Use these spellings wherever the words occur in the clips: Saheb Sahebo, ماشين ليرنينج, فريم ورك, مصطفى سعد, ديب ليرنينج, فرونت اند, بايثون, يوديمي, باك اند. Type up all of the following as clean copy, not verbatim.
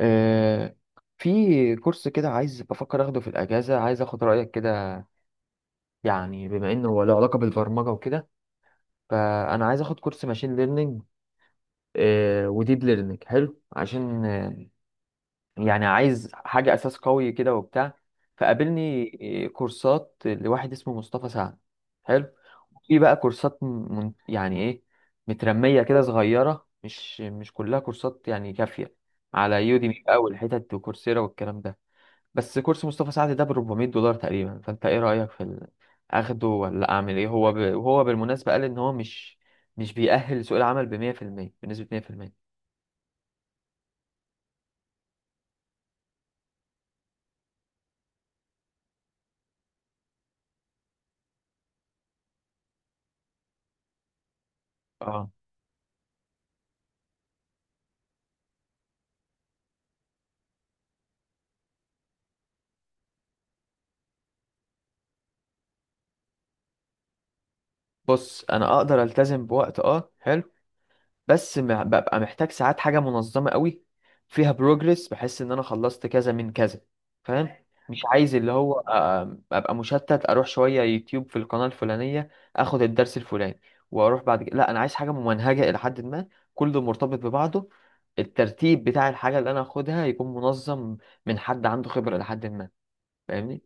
آه، في كورس كده عايز بفكر اخده في الاجازه، عايز اخد رايك كده. يعني بما انه هو له علاقه بالبرمجه وكده، فانا عايز اخد كورس ماشين ليرنينج وديب ليرنينج. حلو عشان يعني عايز حاجه اساس قوي كده وبتاع. فقابلني كورسات لواحد اسمه مصطفى سعد. حلو. في بقى كورسات من يعني ايه، مترميه كده صغيره، مش كلها كورسات يعني كافيه على يوديمي بقى والحتت وكورسيرا والكلام ده. بس كورس مصطفى سعد ده ب $400 تقريبا، فانت ايه رأيك في ال... اخده ولا اعمل ايه؟ هو ب... وهو بالمناسبة قال ان هو مش بيأهل لسوق العمل ب 100%، بنسبة 100%. اه. بص انا اقدر التزم بوقت، اه حلو، بس ببقى محتاج ساعات حاجة منظمة قوي، فيها بروجرس، بحس ان انا خلصت كذا من كذا. فاهم؟ مش عايز اللي هو ابقى مشتت، اروح شوية يوتيوب في القناة الفلانية، اخد الدرس الفلاني، واروح بعد كده. لا، انا عايز حاجة ممنهجة الى حد ما، كله مرتبط ببعضه، الترتيب بتاع الحاجة اللي انا اخدها يكون منظم، من حد عنده خبرة الى حد ما. فاهمني؟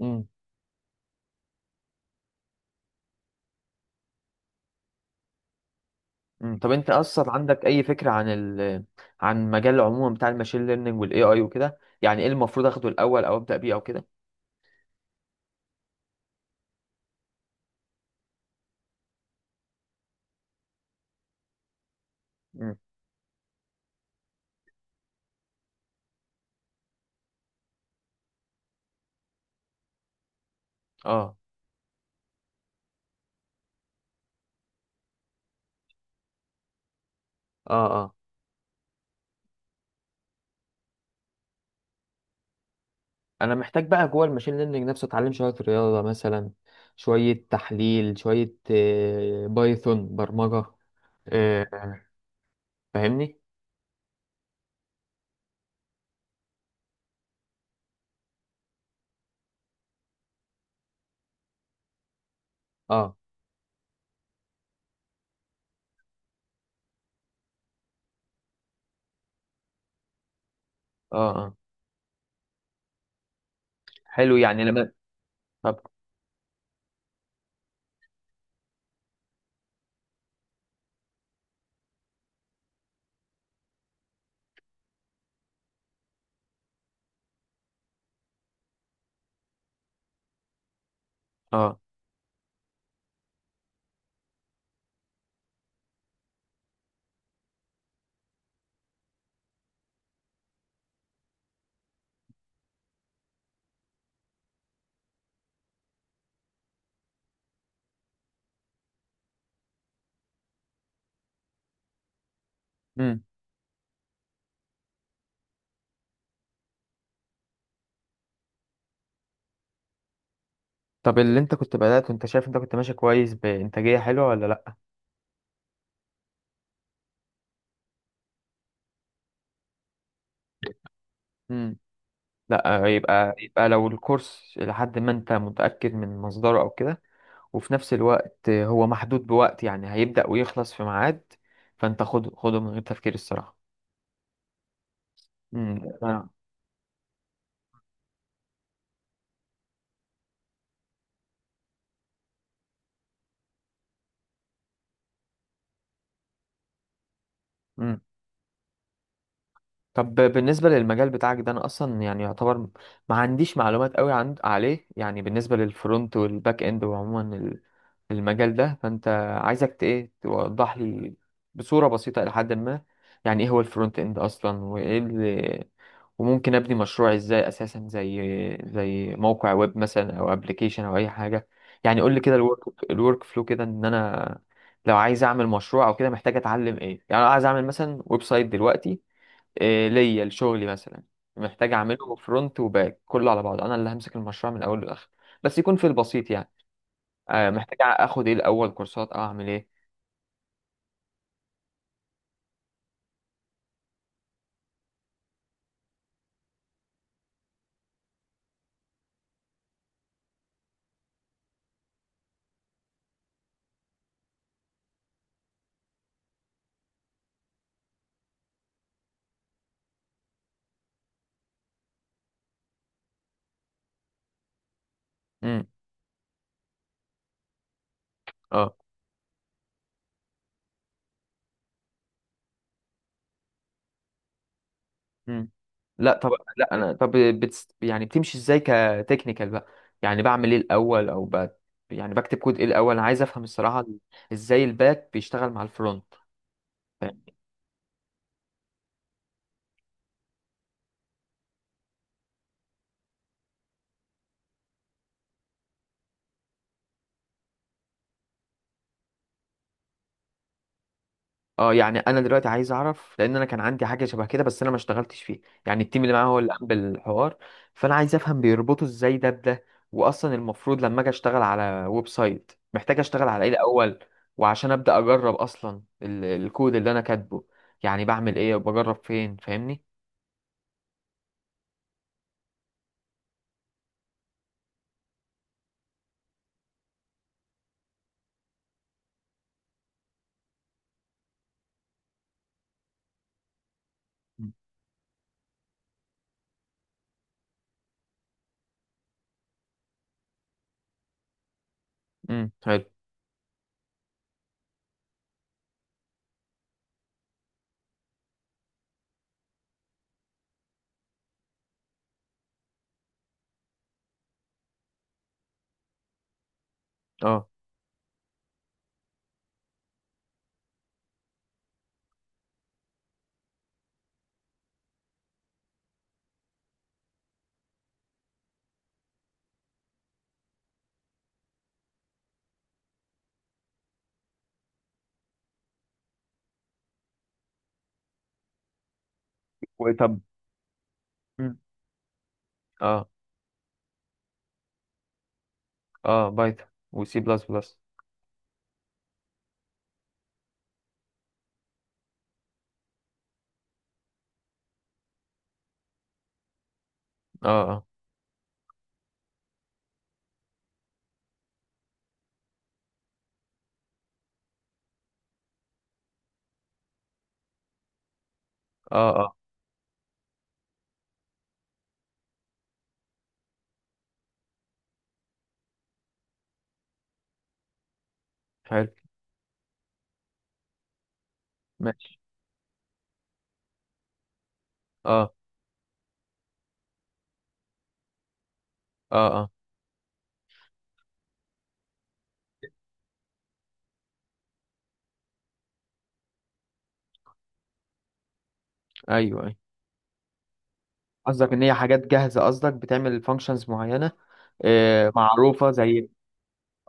امم مم. طب انت اصلا عندك اي فكره عن عن مجال عموما بتاع الماشين ليرنينج والاي اي وكده؟ يعني ايه المفروض اخده الاول او ابدا بيه او كده؟ مم. اه اه. اه، انا محتاج بقى جوه الماشين ليرنينج نفسه اتعلم شويه رياضه مثلا، شوية تحليل، شوية بايثون برمجة. مم. فاهمني؟ اه اه. اه حلو. يعني لما طب اه. امم. طب اللي انت كنت بدأت وانت شايف انت كنت ماشي كويس بإنتاجية حلوة ولا؟ لا لا، يبقى يبقى لو الكورس لحد ما انت متأكد من مصدره او كده، وفي نفس الوقت هو محدود بوقت، يعني هيبدأ ويخلص في ميعاد، فانت خده، خده من غير تفكير الصراحة. امم. طب بالنسبة للمجال بتاعك ده، أنا أصلا يعني يعتبر ما عنديش معلومات قوي عن عليه، يعني بالنسبة للفرونت والباك إند وعموما المجال ده. فأنت عايزك إيه توضح لي بصورة بسيطة إلى حد ما، يعني إيه هو الفرونت إند أصلا، وإيه اللي وممكن أبني مشروع إزاي أساسا زي زي موقع ويب مثلا أو أبلكيشن أو أي حاجة. يعني قول لي كده الورك الورك فلو كده إن أنا، لو عايز أعمل مشروع أو كده، محتاج أتعلم إيه؟ يعني لو عايز أعمل مثلا ويب سايت دلوقتي، إيه ليا لشغلي مثلا، محتاج اعمله فرونت وباك كله على بعضه، انا اللي همسك المشروع من الاول للاخر، بس يكون في البسيط يعني. آه، محتاج اخد ايه الاول؟ كورسات او اعمل ايه؟ امم. اه. امم. لا طب، لا انا طب بتس يعني بتمشي ازاي كتكنيكال بقى؟ يعني بعمل ايه الاول او ب... يعني بكتب كود ايه الاول؟ انا عايز افهم الصراحه ازاي الباك بيشتغل مع الفرونت. اه، يعني انا دلوقتي عايز اعرف، لان انا كان عندي حاجه شبه كده بس انا ما اشتغلتش فيه، يعني التيم اللي معايا هو اللي قام بالحوار. فانا عايز افهم بيربطوا ازاي ده بده، واصلا المفروض لما اجي اشتغل على ويب سايت محتاج اشتغل على ايه الاول، وعشان ابدا اجرب اصلا الكود اللي انا كاتبه. يعني بعمل ايه وبجرب فين؟ فاهمني؟ حلو. اه وطب. مم. اه اه. بايثون وسي بلس بلس. اه اه اه اه. حلو. ماشي. اه اه اه. ايوه أيوه. قصدك ان هي حاجات جاهزه، قصدك بتعمل فانكشنز معينه، مم. معروفه زي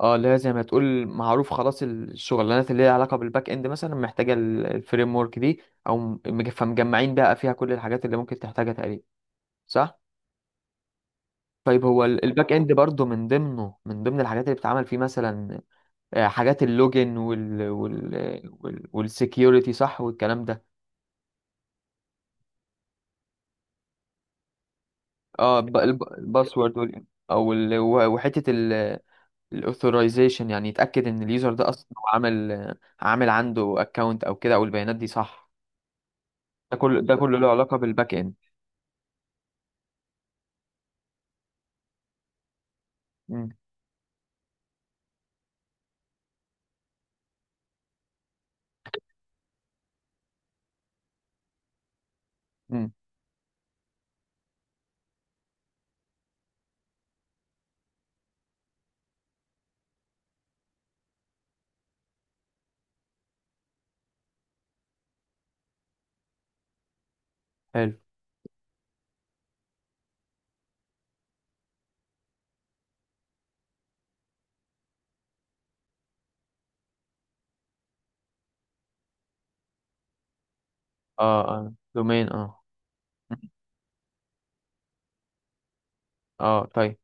اه، اللي هي زي ما تقول معروف خلاص الشغلانات اللي ليها علاقه بالباك اند مثلا محتاجه الفريم ورك دي، او فمجمعين بقى فيها كل الحاجات اللي ممكن تحتاجها تقريبا، صح؟ طيب هو الباك اند برضه من ضمنه من ضمن الحاجات اللي بتتعمل فيه مثلا، حاجات اللوجن وال والسكيورتي، صح؟ والكلام ده. اه، الباسورد او وحته الاثورايزيشن، يعني يتاكد ان اليوزر ده اصلا هو عامل عنده اكونت او كده، او البيانات دي صح. ده كله، ده كله له علاقه بالباك اند. امم. امم حلو. اه اه دومين اه. مم. اه طيب.